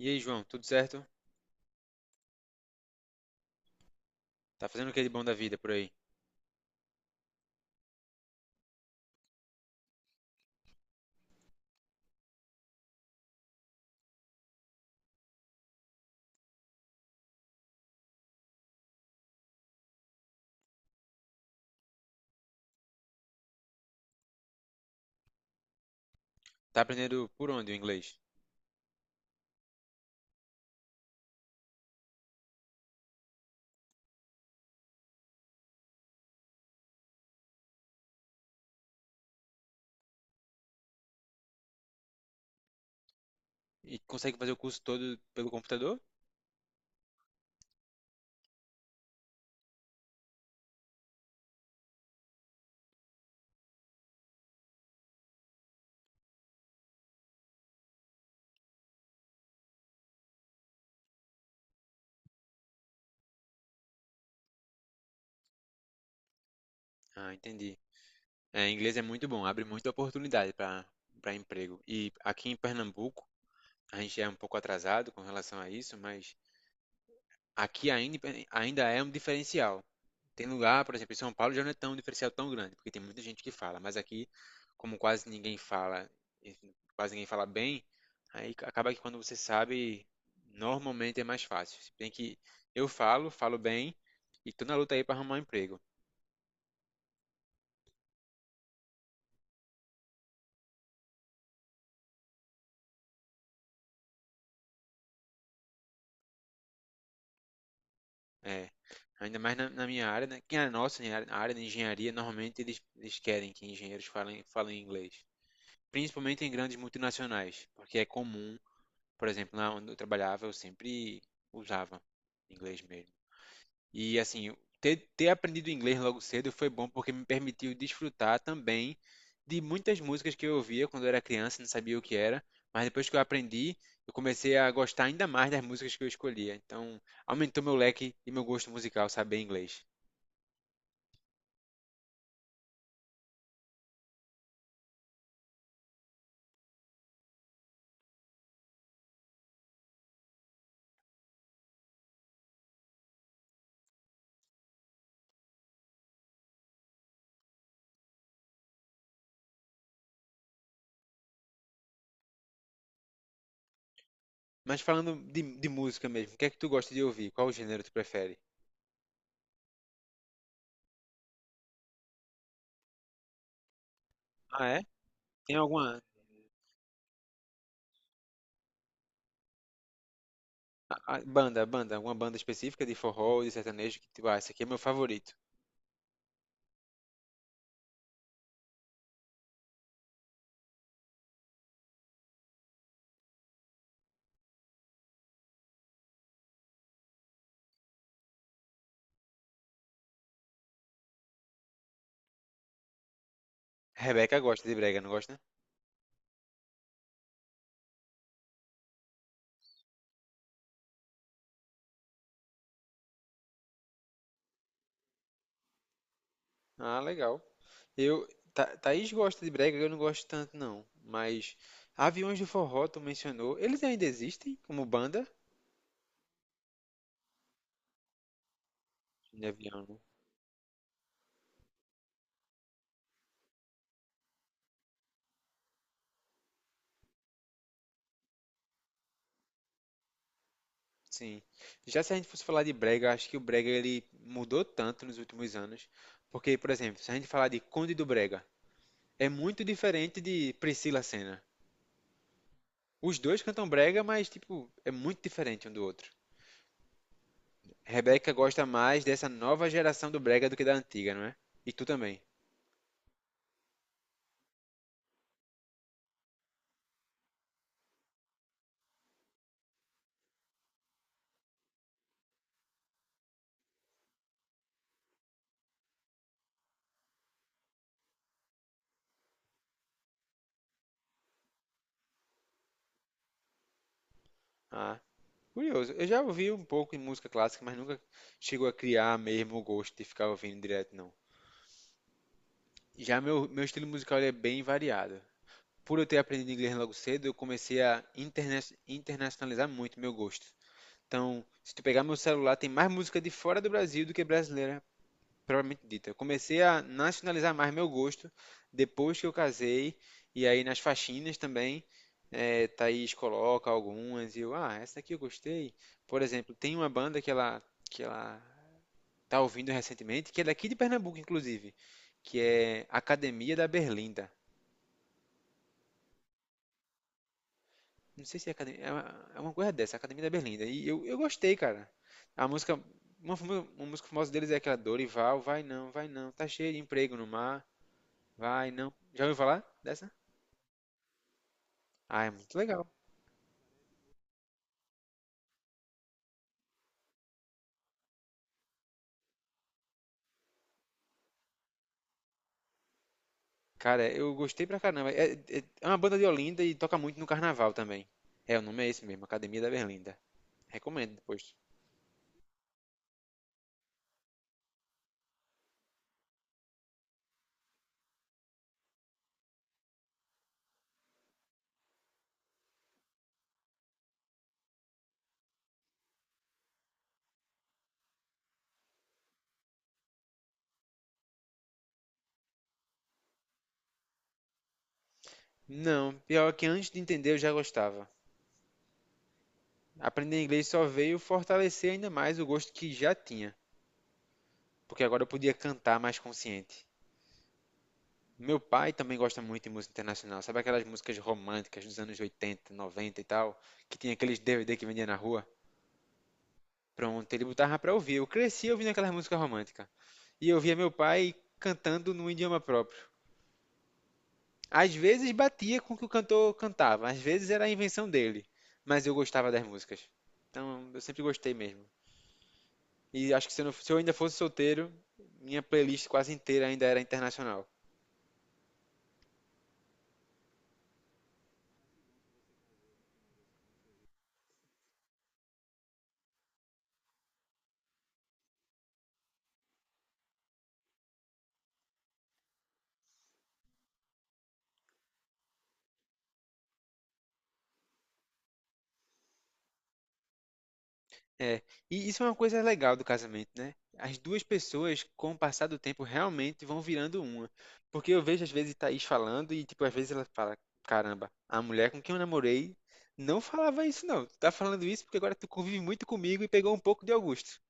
E aí, João, tudo certo? Tá fazendo o que de bom da vida por aí? Tá aprendendo por onde o inglês? E consegue fazer o curso todo pelo computador? Ah, entendi. É, inglês é muito bom, abre muita oportunidade para emprego. E aqui em Pernambuco, a gente é um pouco atrasado com relação a isso, mas aqui ainda, ainda é um diferencial. Tem lugar, por exemplo, em São Paulo já não é tão um diferencial tão grande, porque tem muita gente que fala, mas aqui, como quase ninguém fala, enfim, quase ninguém fala bem, aí acaba que quando você sabe, normalmente é mais fácil. Se bem que eu falo, falo bem, e tô na luta aí para arrumar um emprego. É, ainda mais na minha área, né? Que é a nossa, né, a área de engenharia, normalmente eles querem que engenheiros falem, falem inglês, principalmente em grandes multinacionais, porque é comum, por exemplo, lá onde eu trabalhava, eu sempre usava inglês mesmo. E assim, ter aprendido inglês logo cedo foi bom porque me permitiu desfrutar também de muitas músicas que eu ouvia quando eu era criança, e não sabia o que era, mas depois que eu aprendi, eu comecei a gostar ainda mais das músicas que eu escolhia. Então, aumentou meu leque e meu gosto musical saber inglês. Mas falando de música mesmo, o que é que tu gosta de ouvir? Qual gênero tu prefere? Ah, é? Tem alguma alguma banda específica de forró, de sertanejo que tu, ah, esse aqui é meu favorito. Rebeca gosta de brega, não gosta? Ah, legal. Eu, Thaís gosta de brega, eu não gosto tanto não, mas Aviões do Forró, tu mencionou, eles ainda existem como banda de avião, né? Sim. Já se a gente fosse falar de brega, acho que o brega ele mudou tanto nos últimos anos, porque, por exemplo, se a gente falar de Conde do Brega, é muito diferente de Priscila Senna. Os dois cantam brega, mas tipo, é muito diferente um do outro. Rebeca gosta mais dessa nova geração do brega do que da antiga, não é? E tu também. Ah, curioso. Eu já ouvi um pouco de música clássica, mas nunca chegou a criar mesmo o gosto de ficar ouvindo direto, não. Já meu estilo musical ele é bem variado. Por eu ter aprendido inglês logo cedo, eu comecei a internacionalizar muito meu gosto. Então, se tu pegar meu celular, tem mais música de fora do Brasil do que brasileira propriamente dita. Eu comecei a nacionalizar mais meu gosto depois que eu casei, e aí nas faxinas também, é, Thaís coloca algumas, e eu, ah, essa aqui eu gostei. Por exemplo, tem uma banda que ela tá ouvindo recentemente, que é daqui de Pernambuco, inclusive, que é Academia da Berlinda. Não sei se é Academia, é uma coisa dessa, Academia da Berlinda. E eu gostei, cara. A música, uma, uma música famosa deles é aquela Dorival, vai não, tá cheio de emprego no mar. Vai, não. Já ouviu falar dessa? Ah, é muito legal. Cara, eu gostei pra caramba. É, é uma banda de Olinda e toca muito no carnaval também. É, o nome é esse mesmo, Academia da Berlinda. Recomendo depois. Não, pior que antes de entender eu já gostava. Aprender inglês só veio fortalecer ainda mais o gosto que já tinha, porque agora eu podia cantar mais consciente. Meu pai também gosta muito de música internacional, sabe aquelas músicas românticas dos anos 80, 90 e tal, que tinha aqueles DVD que vendia na rua? Pronto, ele botava pra ouvir. Eu cresci ouvindo aquela música romântica. E eu via meu pai cantando num idioma próprio. Às vezes batia com o que o cantor cantava, às vezes era a invenção dele. Mas eu gostava das músicas. Então, eu sempre gostei mesmo. E acho que se eu ainda fosse solteiro, minha playlist quase inteira ainda era internacional. É, e isso é uma coisa legal do casamento, né? As duas pessoas, com o passar do tempo, realmente vão virando uma. Porque eu vejo, às vezes, Thaís falando e, tipo, às vezes ela fala: caramba, a mulher com quem eu namorei não falava isso, não. Tu tá falando isso porque agora tu convive muito comigo e pegou um pouco de Augusto.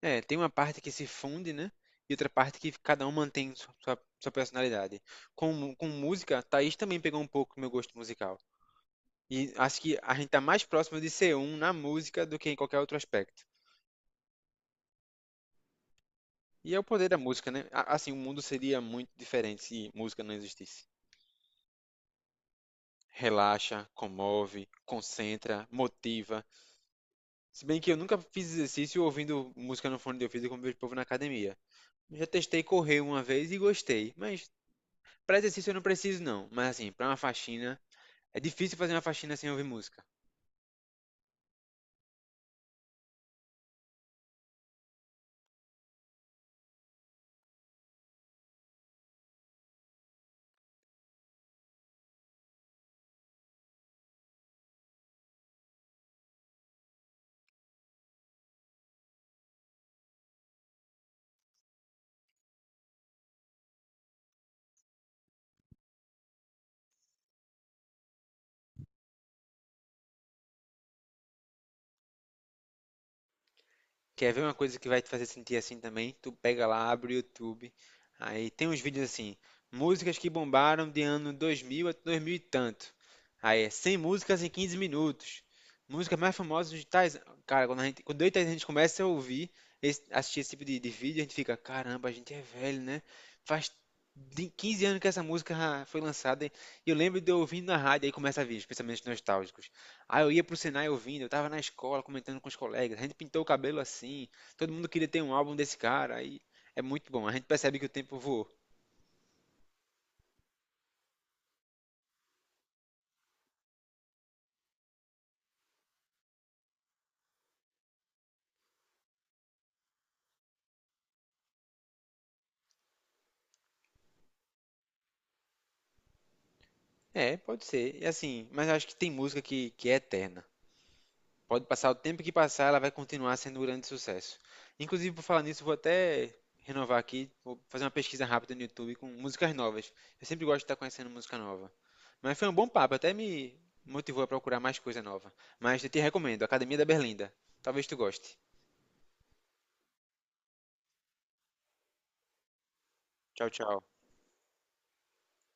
É, tem uma parte que se funde, né? E outra parte que cada um mantém sua personalidade. Com, com música, Thaís também pegou um pouco do meu gosto musical. E acho que a gente tá mais próximo de ser um na música do que em qualquer outro aspecto. E é o poder da música, né? Assim, o mundo seria muito diferente se música não existisse. Relaxa, comove, concentra, motiva. Se bem que eu nunca fiz exercício ouvindo música no fone de ouvido como vejo o povo na academia. Já testei correr uma vez e gostei, mas para exercício eu não preciso não. Mas assim, para uma faxina, é difícil fazer uma faxina sem ouvir música. Quer ver uma coisa que vai te fazer sentir assim também? Tu pega lá, abre o YouTube, aí tem uns vídeos assim, músicas que bombaram de ano 2000 a 2000 e tanto. Aí é 100 músicas em 15 minutos. Músicas mais famosas de tais... Cara, quando eu e Thaís, a gente começa a ouvir, assistir esse tipo de vídeo, a gente fica, caramba, a gente é velho, né? Faz 15 anos que essa música foi lançada e eu lembro de eu ouvindo na rádio, aí começa a vir os pensamentos nostálgicos. Aí eu ia pro Senai ouvindo, eu tava na escola comentando com os colegas, a gente pintou o cabelo assim, todo mundo queria ter um álbum desse cara, aí é muito bom, a gente percebe que o tempo voou. É, pode ser, e assim, mas eu acho que tem música que é eterna. Pode passar o tempo que passar, ela vai continuar sendo um grande sucesso. Inclusive, por falar nisso, vou até renovar aqui, vou fazer uma pesquisa rápida no YouTube com músicas novas. Eu sempre gosto de estar conhecendo música nova. Mas foi um bom papo, até me motivou a procurar mais coisa nova. Mas eu te recomendo, Academia da Berlinda. Talvez tu goste. Tchau, tchau.